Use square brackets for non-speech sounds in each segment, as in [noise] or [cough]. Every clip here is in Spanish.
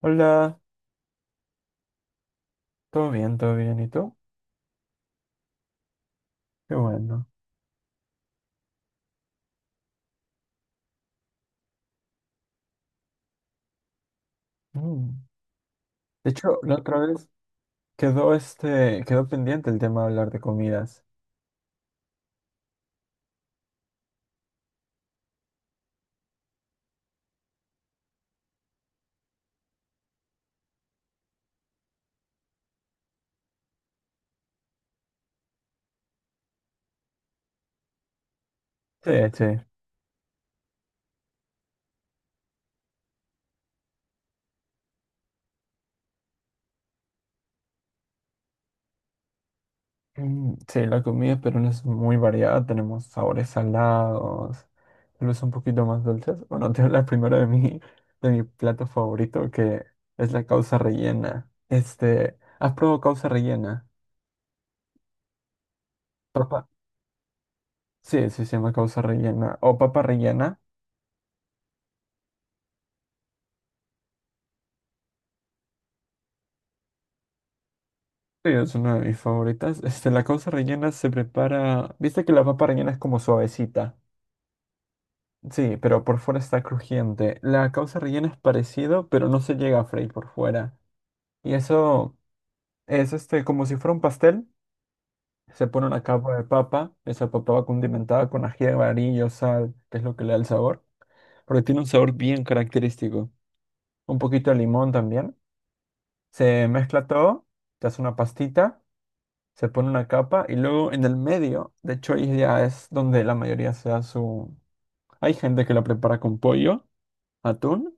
Hola, todo bien, ¿y tú? Qué bueno. Mm. De hecho, la otra vez quedó quedó pendiente el tema de hablar de comidas. Sí, sí. Sí, la comida peruana es muy variada, tenemos sabores salados, tal vez un poquito más dulces. Bueno, [laughs] te hablo primero de de mi plato favorito, que es la causa rellena. ¿Has probado causa rellena? Papa. Sí, sí, se llama causa rellena. O papa rellena. Sí, es una de mis favoritas. La causa rellena se prepara. Viste que la papa rellena es como suavecita. Sí, pero por fuera está crujiente. La causa rellena es parecido, pero no se llega a freír por fuera. Y eso es como si fuera un pastel. Se pone una capa de papa. Esa papa va condimentada con ají de amarillo, sal, que es lo que le da el sabor. Porque tiene un sabor bien característico. Un poquito de limón también. Se mezcla todo. Te hace una pastita. Se pone una capa y luego en el medio, de hecho ahí ya es donde la mayoría se da su... Hay gente que la prepara con pollo, atún,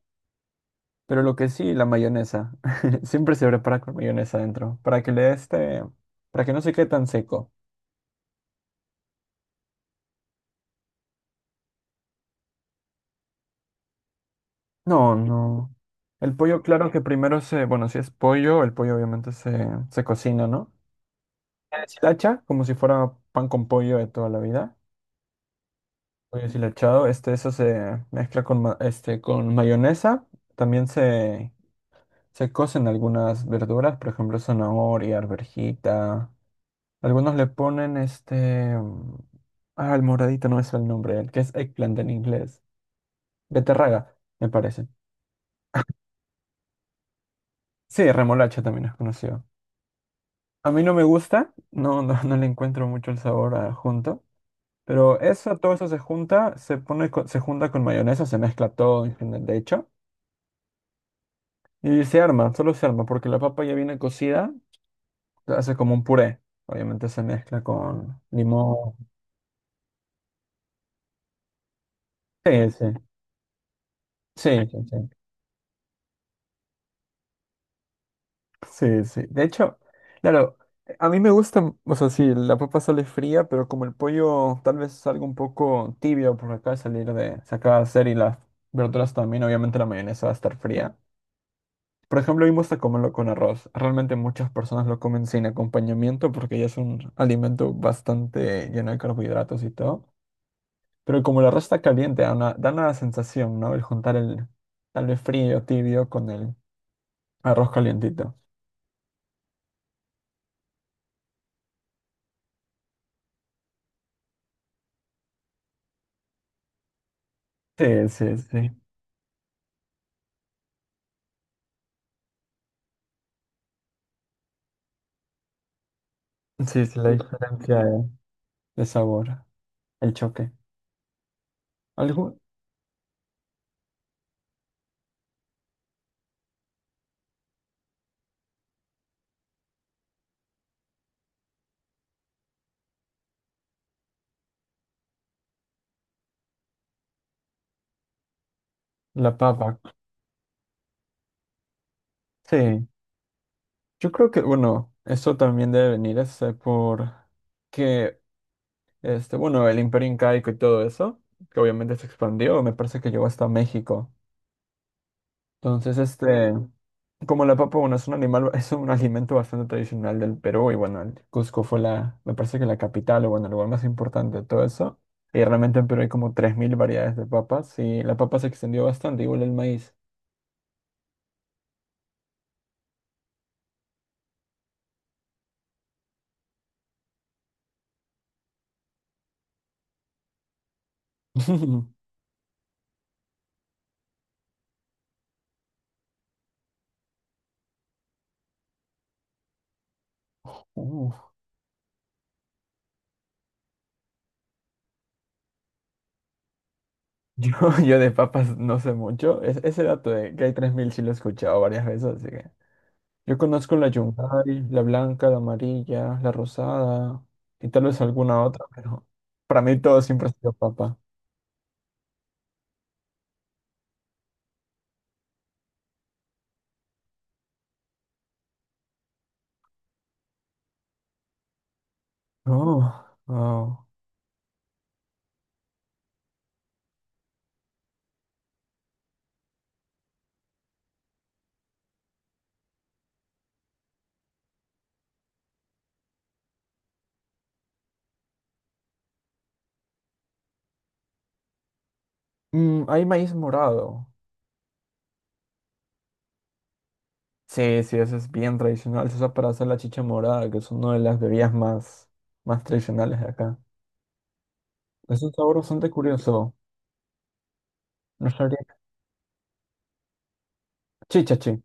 pero lo que sí, la mayonesa. [laughs] Siempre se prepara con mayonesa adentro, para que le dé este... para que no se quede tan seco. No, no. El pollo, claro que primero se... Bueno, si es pollo, el pollo obviamente se cocina, ¿no? Se la hacha como si fuera pan con pollo de toda la vida. Pollo deshilachado, eso se mezcla con mayonesa. También se se cocen algunas verduras, por ejemplo, zanahoria, arvejita. Algunos le ponen este... ah, el moradito no es el nombre, el que es eggplant en inglés. Beterraga, me parece. Sí, remolacha también es conocido. A mí no me gusta, no, no, no le encuentro mucho el sabor a junto. Pero eso, todo eso se junta, se junta con mayonesa, se mezcla todo en general, de hecho. Y se arma, solo se arma, porque la papa ya viene cocida, se hace como un puré. Obviamente se mezcla con limón. Sí, sí, sí, sí, sí, sí, sí. De hecho, claro, a mí me gusta, o sea, sí, la papa sale fría, pero como el pollo tal vez salga un poco tibio por acá de salir de, se acaba de hacer y las verduras también, obviamente la mayonesa va a estar fría. Por ejemplo, a mí me gusta comerlo con arroz. Realmente muchas personas lo comen sin acompañamiento porque ya es un alimento bastante lleno de carbohidratos y todo. Pero como el arroz está caliente, da una sensación, ¿no? El juntar el tal vez frío, tibio con el arroz calientito. Sí, sí, sí. Diferencia de sabor, el choque. Algo, la papa. Sí, yo creo que, bueno, eso también debe venir por que, bueno, el Imperio Incaico y todo eso, que obviamente se expandió, me parece que llegó hasta México. Entonces, como la papa, bueno, es un animal, [laughs] es un alimento bastante tradicional del Perú y bueno, el Cusco fue la, me parece que la capital o bueno, el lugar más importante de todo eso. Y realmente en Perú hay como 3.000 variedades de papas y la papa se extendió bastante, igual el maíz. [laughs] Uf. Yo, yo de papas no sé mucho. Ese dato de que hay 3.000 sí lo he escuchado varias veces, así que yo conozco la yungay, la blanca, la amarilla, la rosada y tal vez alguna otra, pero para mí todo siempre ha sido papa. Oh, oh. Mm, hay maíz morado. Sí, sí, eso es bien tradicional. Se usa para hacer la chicha morada, que es una de las bebidas más, más tradicionales de acá. Es un sabor bastante curioso. No sabría. Chicha, chi.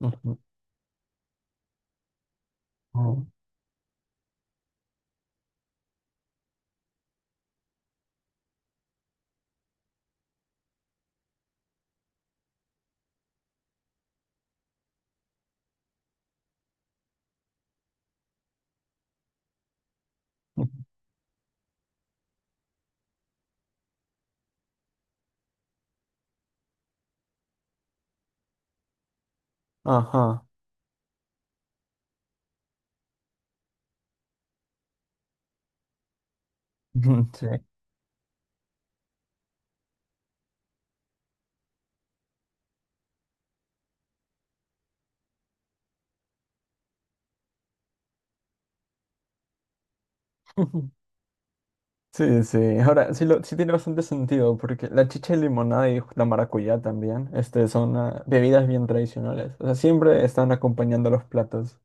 Ujú, ujú, ujú. Ajá. Ujú, sí. [laughs] Sí, sí. Ahora, sí, lo, sí tiene bastante sentido, porque la chicha de limonada y la maracuyá también, son ah, bebidas bien tradicionales. O sea, siempre están acompañando los platos.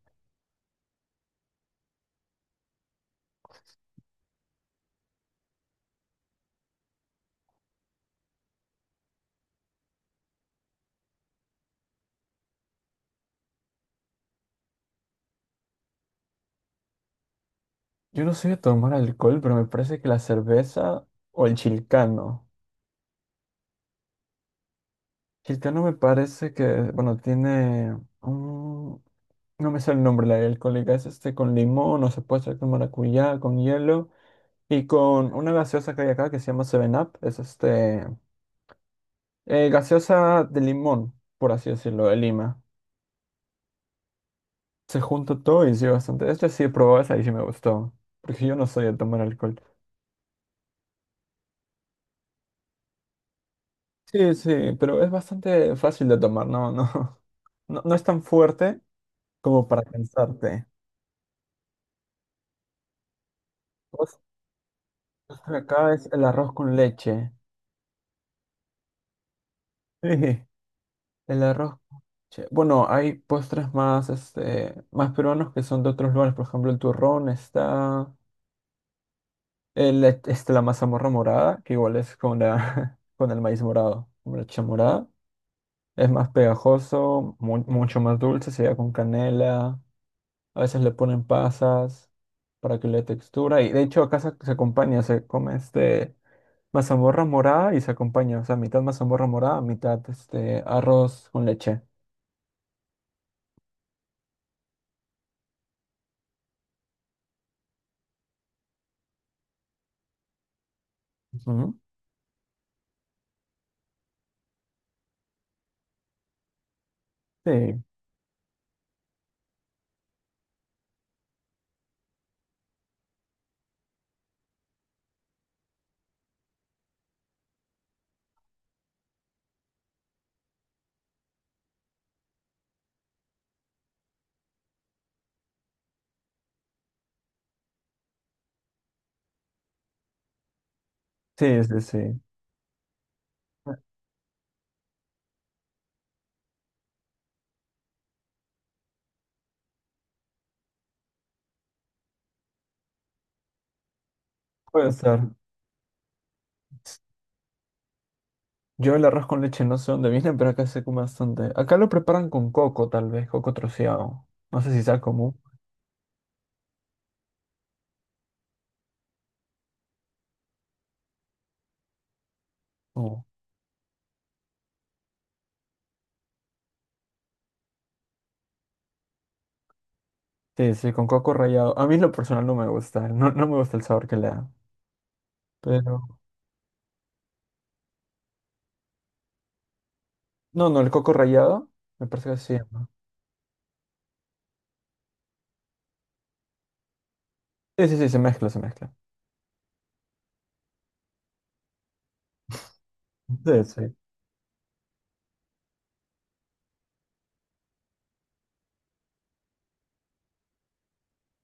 Yo no soy de tomar alcohol, pero me parece que la cerveza o el chilcano. Chilcano me parece que, bueno, tiene un... No me sale el nombre, la alcohólica. Es este con limón, o se puede hacer con maracuyá, con hielo. Y con una gaseosa que hay acá que se llama Seven Up. Es este... gaseosa de limón, por así decirlo, de Lima. Se junta todo y sí, bastante. Esta sí he probado esa y sí me gustó. Porque yo no soy de tomar alcohol. Sí, sí, pero es bastante fácil de tomar, no, [laughs] no, no, no es tan fuerte como para cansarte. Postre acá es el arroz con leche. [laughs] Sí, el arroz con leche. Bueno, hay postres más, más peruanos que son de otros lugares, por ejemplo, el turrón está, la mazamorra morada, que igual es con la, [laughs] con el maíz morado, con la leche morada. Es más pegajoso, mucho más dulce, se da con canela. A veces le ponen pasas para que le dé textura. Y de hecho acá se acompaña, se come este mazamorra morada y se acompaña. O sea, mitad mazamorra morada, mitad este arroz con leche. Ujú. Sí, sí, sí, sí. Puede ser. Yo el arroz con leche no sé dónde viene, pero acá se come bastante. Acá lo preparan con coco, tal vez, coco troceado. No sé si sea común. o- Sí, sí, con coco rallado. A mí en lo personal no me gusta. No, no me gusta el sabor que le da. Pero. No, no, el coco rallado. Me parece que sí. ¿No? Sí, sí, sí, se mezcla, se mezcla. Sí, sí.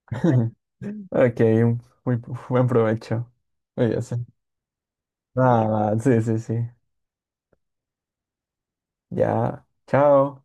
[laughs] Ok, buen provecho. Muy bien, sí. Nada, sí, sí, sí. Ya, chao.